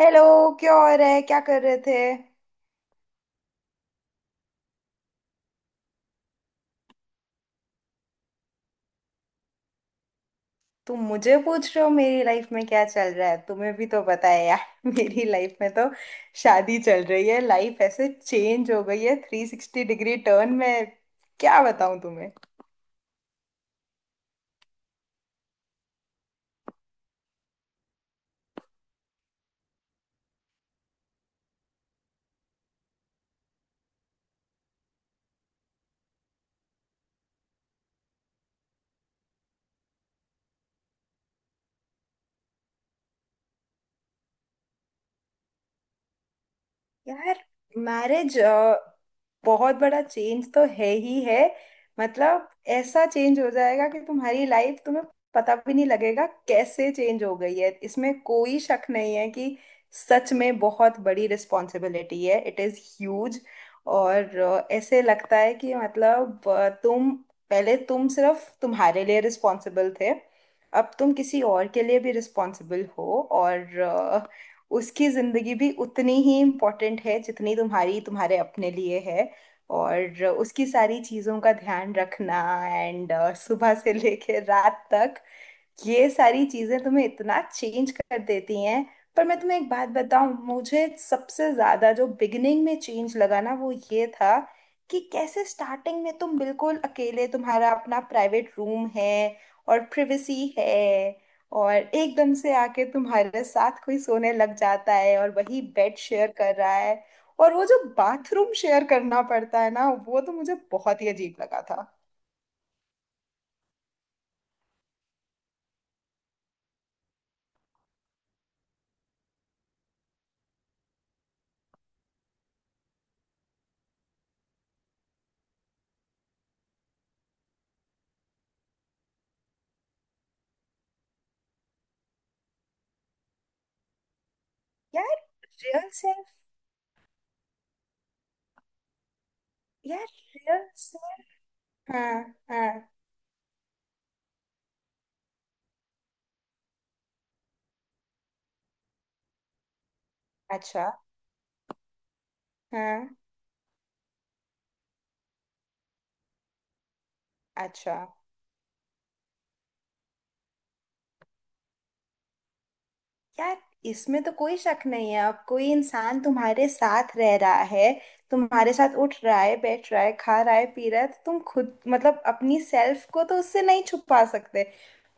Hello. क्या हो रहा है, क्या कर रहे थे। तुम मुझे पूछ रहे हो मेरी लाइफ में क्या चल रहा है, तुम्हें भी तो पता है यार। मेरी लाइफ में तो शादी चल रही है, लाइफ ऐसे चेंज हो गई है थ्री सिक्सटी डिग्री टर्न में। क्या बताऊं। यार मैरिज बहुत बड़ा चेंज तो है ही है। मतलब ऐसा चेंज हो जाएगा कि तुम्हारी लाइफ तुम्हें पता भी नहीं लगेगा कैसे चेंज हो गई है, इसमें कोई शक नहीं है कि सच में बहुत बड़ी रिस्पॉन्सिबिलिटी है। It is huge. और ऐसे लगता है कि मतलब तुम पहले तुम सिर्फ तुम्हारे लिए रिस्पॉन्सिबल थे, अब तुम किसी और के लिए भी रिस्पॉन्सिबल हो और उसकी जिंदगी भी उतनी ही इम्पोर्टेंट है जितनी तुम्हारी तुम्हारे अपने लिए है। और उसकी सारी चीजों का ध्यान रखना, एंड सुबह से लेके रात तक ये सारी चीजें तुम्हें इतना चेंज कर देती हैं। पर मैं तुम्हें एक बात बताऊं, मुझे सबसे ज्यादा जो बिगिनिंग में चेंज लगा ना वो ये था कि कैसे स्टार्टिंग में तुम बिल्कुल अकेले, तुम्हारा अपना प्राइवेट रूम है और प्रिवेसी है, और एकदम से आके तुम्हारे साथ कोई सोने लग जाता है और वही बेड शेयर कर रहा है। और वो जो बाथरूम शेयर करना पड़ता है ना वो तो मुझे बहुत ही अजीब लगा था। यार रियल सेल्फ। यार रियल सेल्फ। हाँ। हाँ। अच्छा। हाँ। अच्छा। यार इसमें तो कोई शक नहीं है, अब कोई इंसान तुम्हारे साथ रह रहा है, तुम्हारे साथ उठ रहा है बैठ रहा है खा रहा है पी रहा है तो तुम खुद मतलब अपनी सेल्फ को तो उससे नहीं छुपा सकते।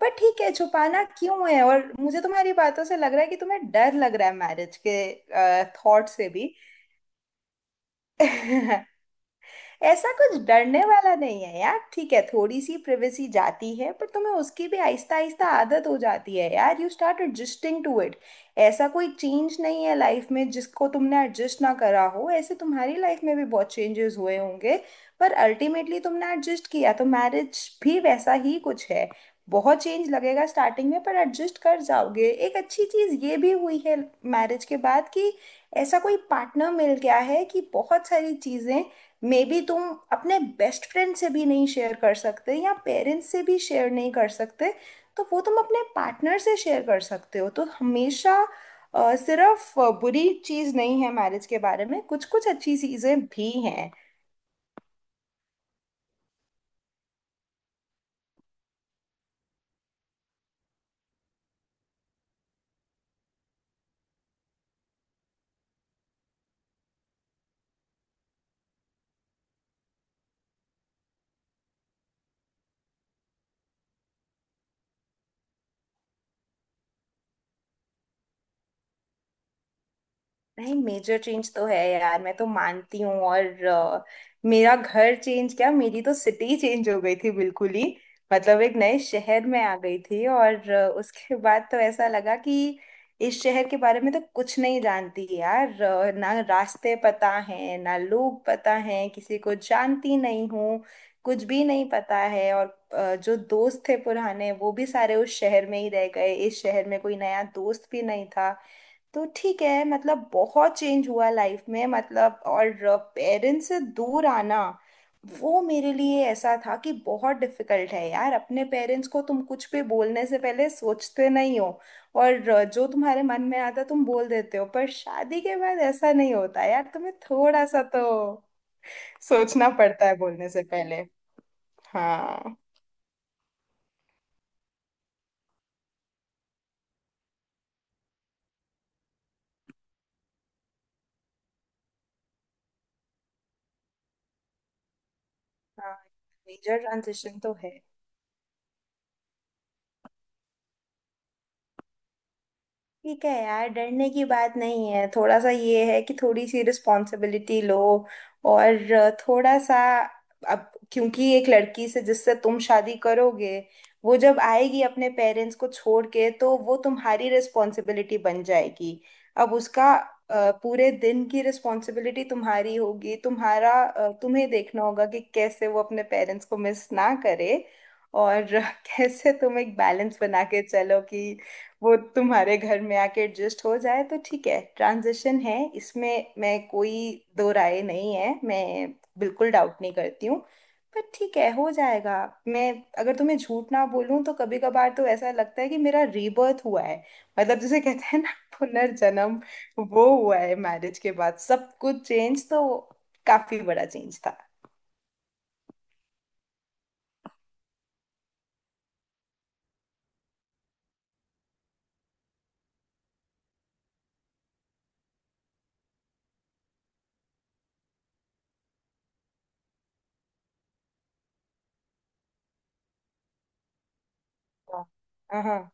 पर ठीक है, छुपाना क्यों है। और मुझे तुम्हारी बातों से लग रहा है कि तुम्हें डर लग रहा है मैरिज के थॉट से भी। ऐसा कुछ डरने वाला नहीं है यार, ठीक है थोड़ी सी प्रिवेसी जाती है पर तुम्हें उसकी भी आहिस्ता आहिस्ता आदत हो जाती है यार, you start adjusting to it. ऐसा कोई चेंज नहीं है लाइफ में जिसको तुमने एडजस्ट ना करा हो, ऐसे तुम्हारी लाइफ में भी बहुत चेंजेस हुए होंगे पर अल्टीमेटली तुमने एडजस्ट किया, तो मैरिज भी वैसा ही कुछ है। बहुत चेंज लगेगा स्टार्टिंग में पर एडजस्ट कर जाओगे। एक अच्छी चीज़ ये भी हुई है मैरिज के बाद कि ऐसा कोई पार्टनर मिल गया है कि बहुत सारी चीज़ें मे बी तुम अपने बेस्ट फ्रेंड से भी नहीं शेयर कर सकते या पेरेंट्स से भी शेयर नहीं कर सकते, तो वो तुम अपने पार्टनर से शेयर कर सकते हो। तो हमेशा सिर्फ बुरी चीज़ नहीं है मैरिज के बारे में, कुछ कुछ अच्छी चीज़ें भी हैं। नहीं, मेजर चेंज तो है यार, मैं तो मानती हूँ। और मेरा घर चेंज क्या, मेरी तो सिटी चेंज हो गई थी बिल्कुल ही। मतलब एक नए शहर में आ गई थी और उसके बाद तो ऐसा लगा कि इस शहर के बारे में तो कुछ नहीं जानती यार, ना रास्ते पता हैं ना लोग पता हैं, किसी को जानती नहीं हूँ, कुछ भी नहीं पता है। और जो दोस्त थे पुराने वो भी सारे उस शहर में ही रह गए, इस शहर में कोई नया दोस्त भी नहीं था। तो ठीक है मतलब बहुत चेंज हुआ लाइफ में, मतलब और पेरेंट्स से दूर आना, वो मेरे लिए ऐसा था कि बहुत डिफिकल्ट है यार। अपने पेरेंट्स को तुम कुछ भी बोलने से पहले सोचते नहीं हो और जो तुम्हारे मन में आता तुम बोल देते हो, पर शादी के बाद ऐसा नहीं होता यार, तुम्हें थोड़ा सा तो सोचना पड़ता है बोलने से पहले। हाँ। हाँ, मेजर ट्रांजिशन तो है। ठीक है यार, डरने की बात नहीं है। थोड़ा सा ये है कि थोड़ी सी रिस्पॉन्सिबिलिटी लो और थोड़ा सा, अब क्योंकि एक लड़की से जिससे तुम शादी करोगे वो जब आएगी अपने पेरेंट्स को छोड़ के तो वो तुम्हारी रिस्पॉन्सिबिलिटी बन जाएगी। अब उसका पूरे दिन की रिस्पॉन्सिबिलिटी तुम्हारी होगी, तुम्हारा तुम्हें देखना होगा कि कैसे वो अपने पेरेंट्स को मिस ना करे और कैसे तुम एक बैलेंस बना के चलो कि वो तुम्हारे घर में आके एडजस्ट हो जाए। तो ठीक है, ट्रांजिशन है, इसमें मैं कोई दो राय नहीं है, मैं बिल्कुल डाउट नहीं करती हूँ। पर ठीक है हो जाएगा। मैं अगर तुम्हें झूठ ना बोलूं तो कभी कभार तो ऐसा लगता है कि मेरा रीबर्थ हुआ है, मतलब जिसे कहते हैं ना, पुनर्जन्म, वो हुआ है मैरिज के बाद, सब कुछ चेंज तो काफी बड़ा चेंज था। हाँ। हाँ।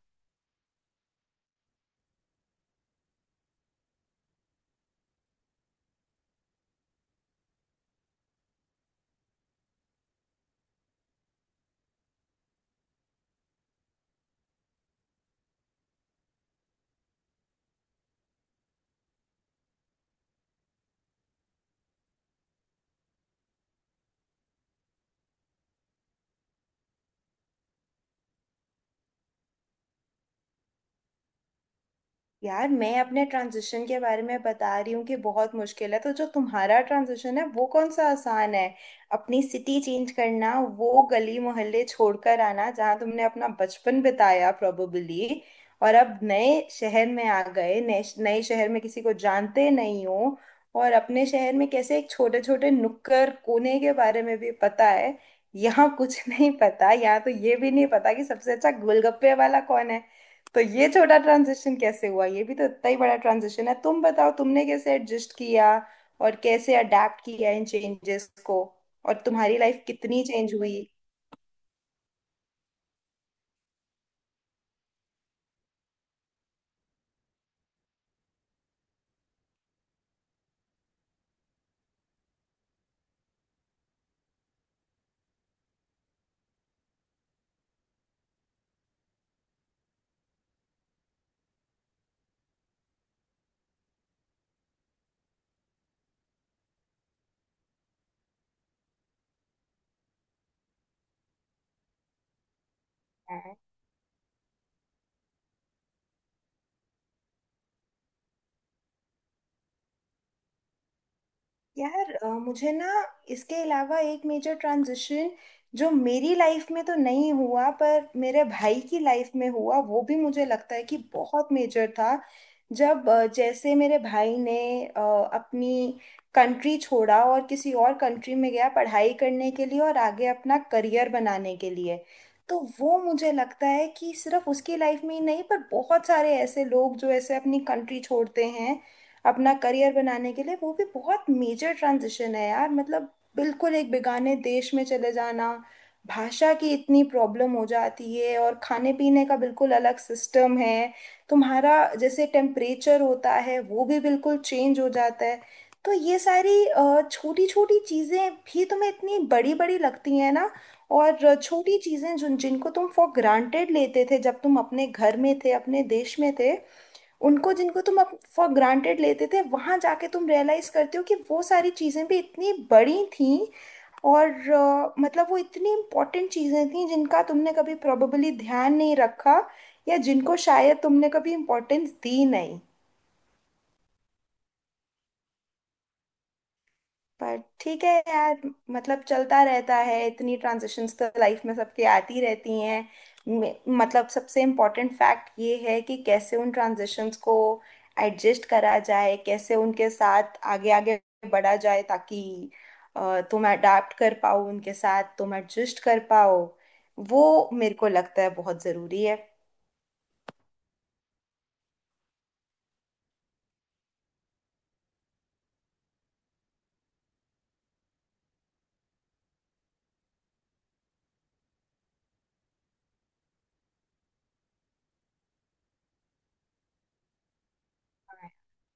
यार मैं अपने ट्रांजिशन के बारे में बता रही हूँ कि बहुत मुश्किल है, तो जो तुम्हारा ट्रांजिशन है वो कौन सा आसान है। अपनी सिटी चेंज करना, वो गली मोहल्ले छोड़कर आना जहाँ तुमने अपना बचपन बिताया प्रोबेबली, और अब नए शहर में आ गए, नए नए शहर में किसी को जानते नहीं हो। और अपने शहर में कैसे एक छोटे छोटे नुक्कड़ कोने के बारे में भी पता है, यहाँ कुछ नहीं पता, यहाँ तो ये भी नहीं पता कि सबसे अच्छा गोलगप्पे वाला कौन है। तो ये छोटा ट्रांजिशन कैसे हुआ, ये भी तो इतना ही बड़ा ट्रांजिशन है। तुम बताओ तुमने कैसे एडजस्ट किया और कैसे अडेप्ट किया इन चेंजेस को और तुम्हारी लाइफ कितनी चेंज हुई। यार मुझे ना, इसके अलावा एक मेजर ट्रांजिशन जो मेरी लाइफ में तो नहीं हुआ पर मेरे भाई की लाइफ में हुआ वो भी मुझे लगता है कि बहुत मेजर था। जब जैसे मेरे भाई ने अ, अपनी कंट्री छोड़ा और किसी और कंट्री में गया पढ़ाई करने के लिए और आगे अपना करियर बनाने के लिए। तो वो मुझे लगता है कि सिर्फ उसकी लाइफ में ही नहीं पर बहुत सारे ऐसे लोग जो ऐसे अपनी कंट्री छोड़ते हैं अपना करियर बनाने के लिए वो भी बहुत मेजर ट्रांजिशन है यार, मतलब बिल्कुल एक बेगाने देश में चले जाना, भाषा की इतनी प्रॉब्लम हो जाती है और खाने पीने का बिल्कुल अलग सिस्टम है तुम्हारा, जैसे टेम्परेचर होता है वो भी बिल्कुल चेंज हो जाता है। तो ये सारी छोटी छोटी चीज़ें भी तुम्हें इतनी बड़ी बड़ी लगती हैं ना। और छोटी चीज़ें जिन जिनको तुम फॉर ग्रांटेड लेते थे जब तुम अपने घर में थे अपने देश में थे, उनको जिनको तुम फॉर ग्रांटेड लेते थे वहां जाके तुम रियलाइज करते हो कि वो सारी चीजें भी इतनी बड़ी थीं। और मतलब वो इतनी इंपॉर्टेंट चीजें थीं जिनका तुमने कभी प्रोबेबली ध्यान नहीं रखा या जिनको शायद तुमने कभी इम्पोर्टेंस दी नहीं। पर ठीक है यार, मतलब चलता रहता है, इतनी ट्रांजिशंस तो लाइफ में सबके आती रहती हैं। मतलब सबसे इम्पोर्टेंट फैक्ट ये है कि कैसे उन ट्रांजिशंस को एडजस्ट करा जाए, कैसे उनके साथ आगे आगे बढ़ा जाए ताकि तुम अडाप्ट कर पाओ उनके साथ, तुम एडजस्ट कर पाओ, वो मेरे को लगता है बहुत ज़रूरी है।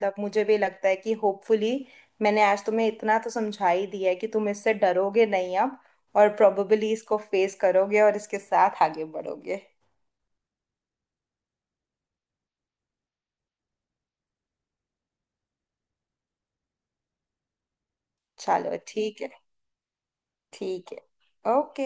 तब मुझे भी लगता है कि होपफुली मैंने आज तुम्हें इतना तो समझा ही दिया है कि तुम इससे डरोगे नहीं अब और प्रोबेबली इसको फेस करोगे और इसके साथ आगे बढ़ोगे। चलो ठीक है। ठीक है। ओके।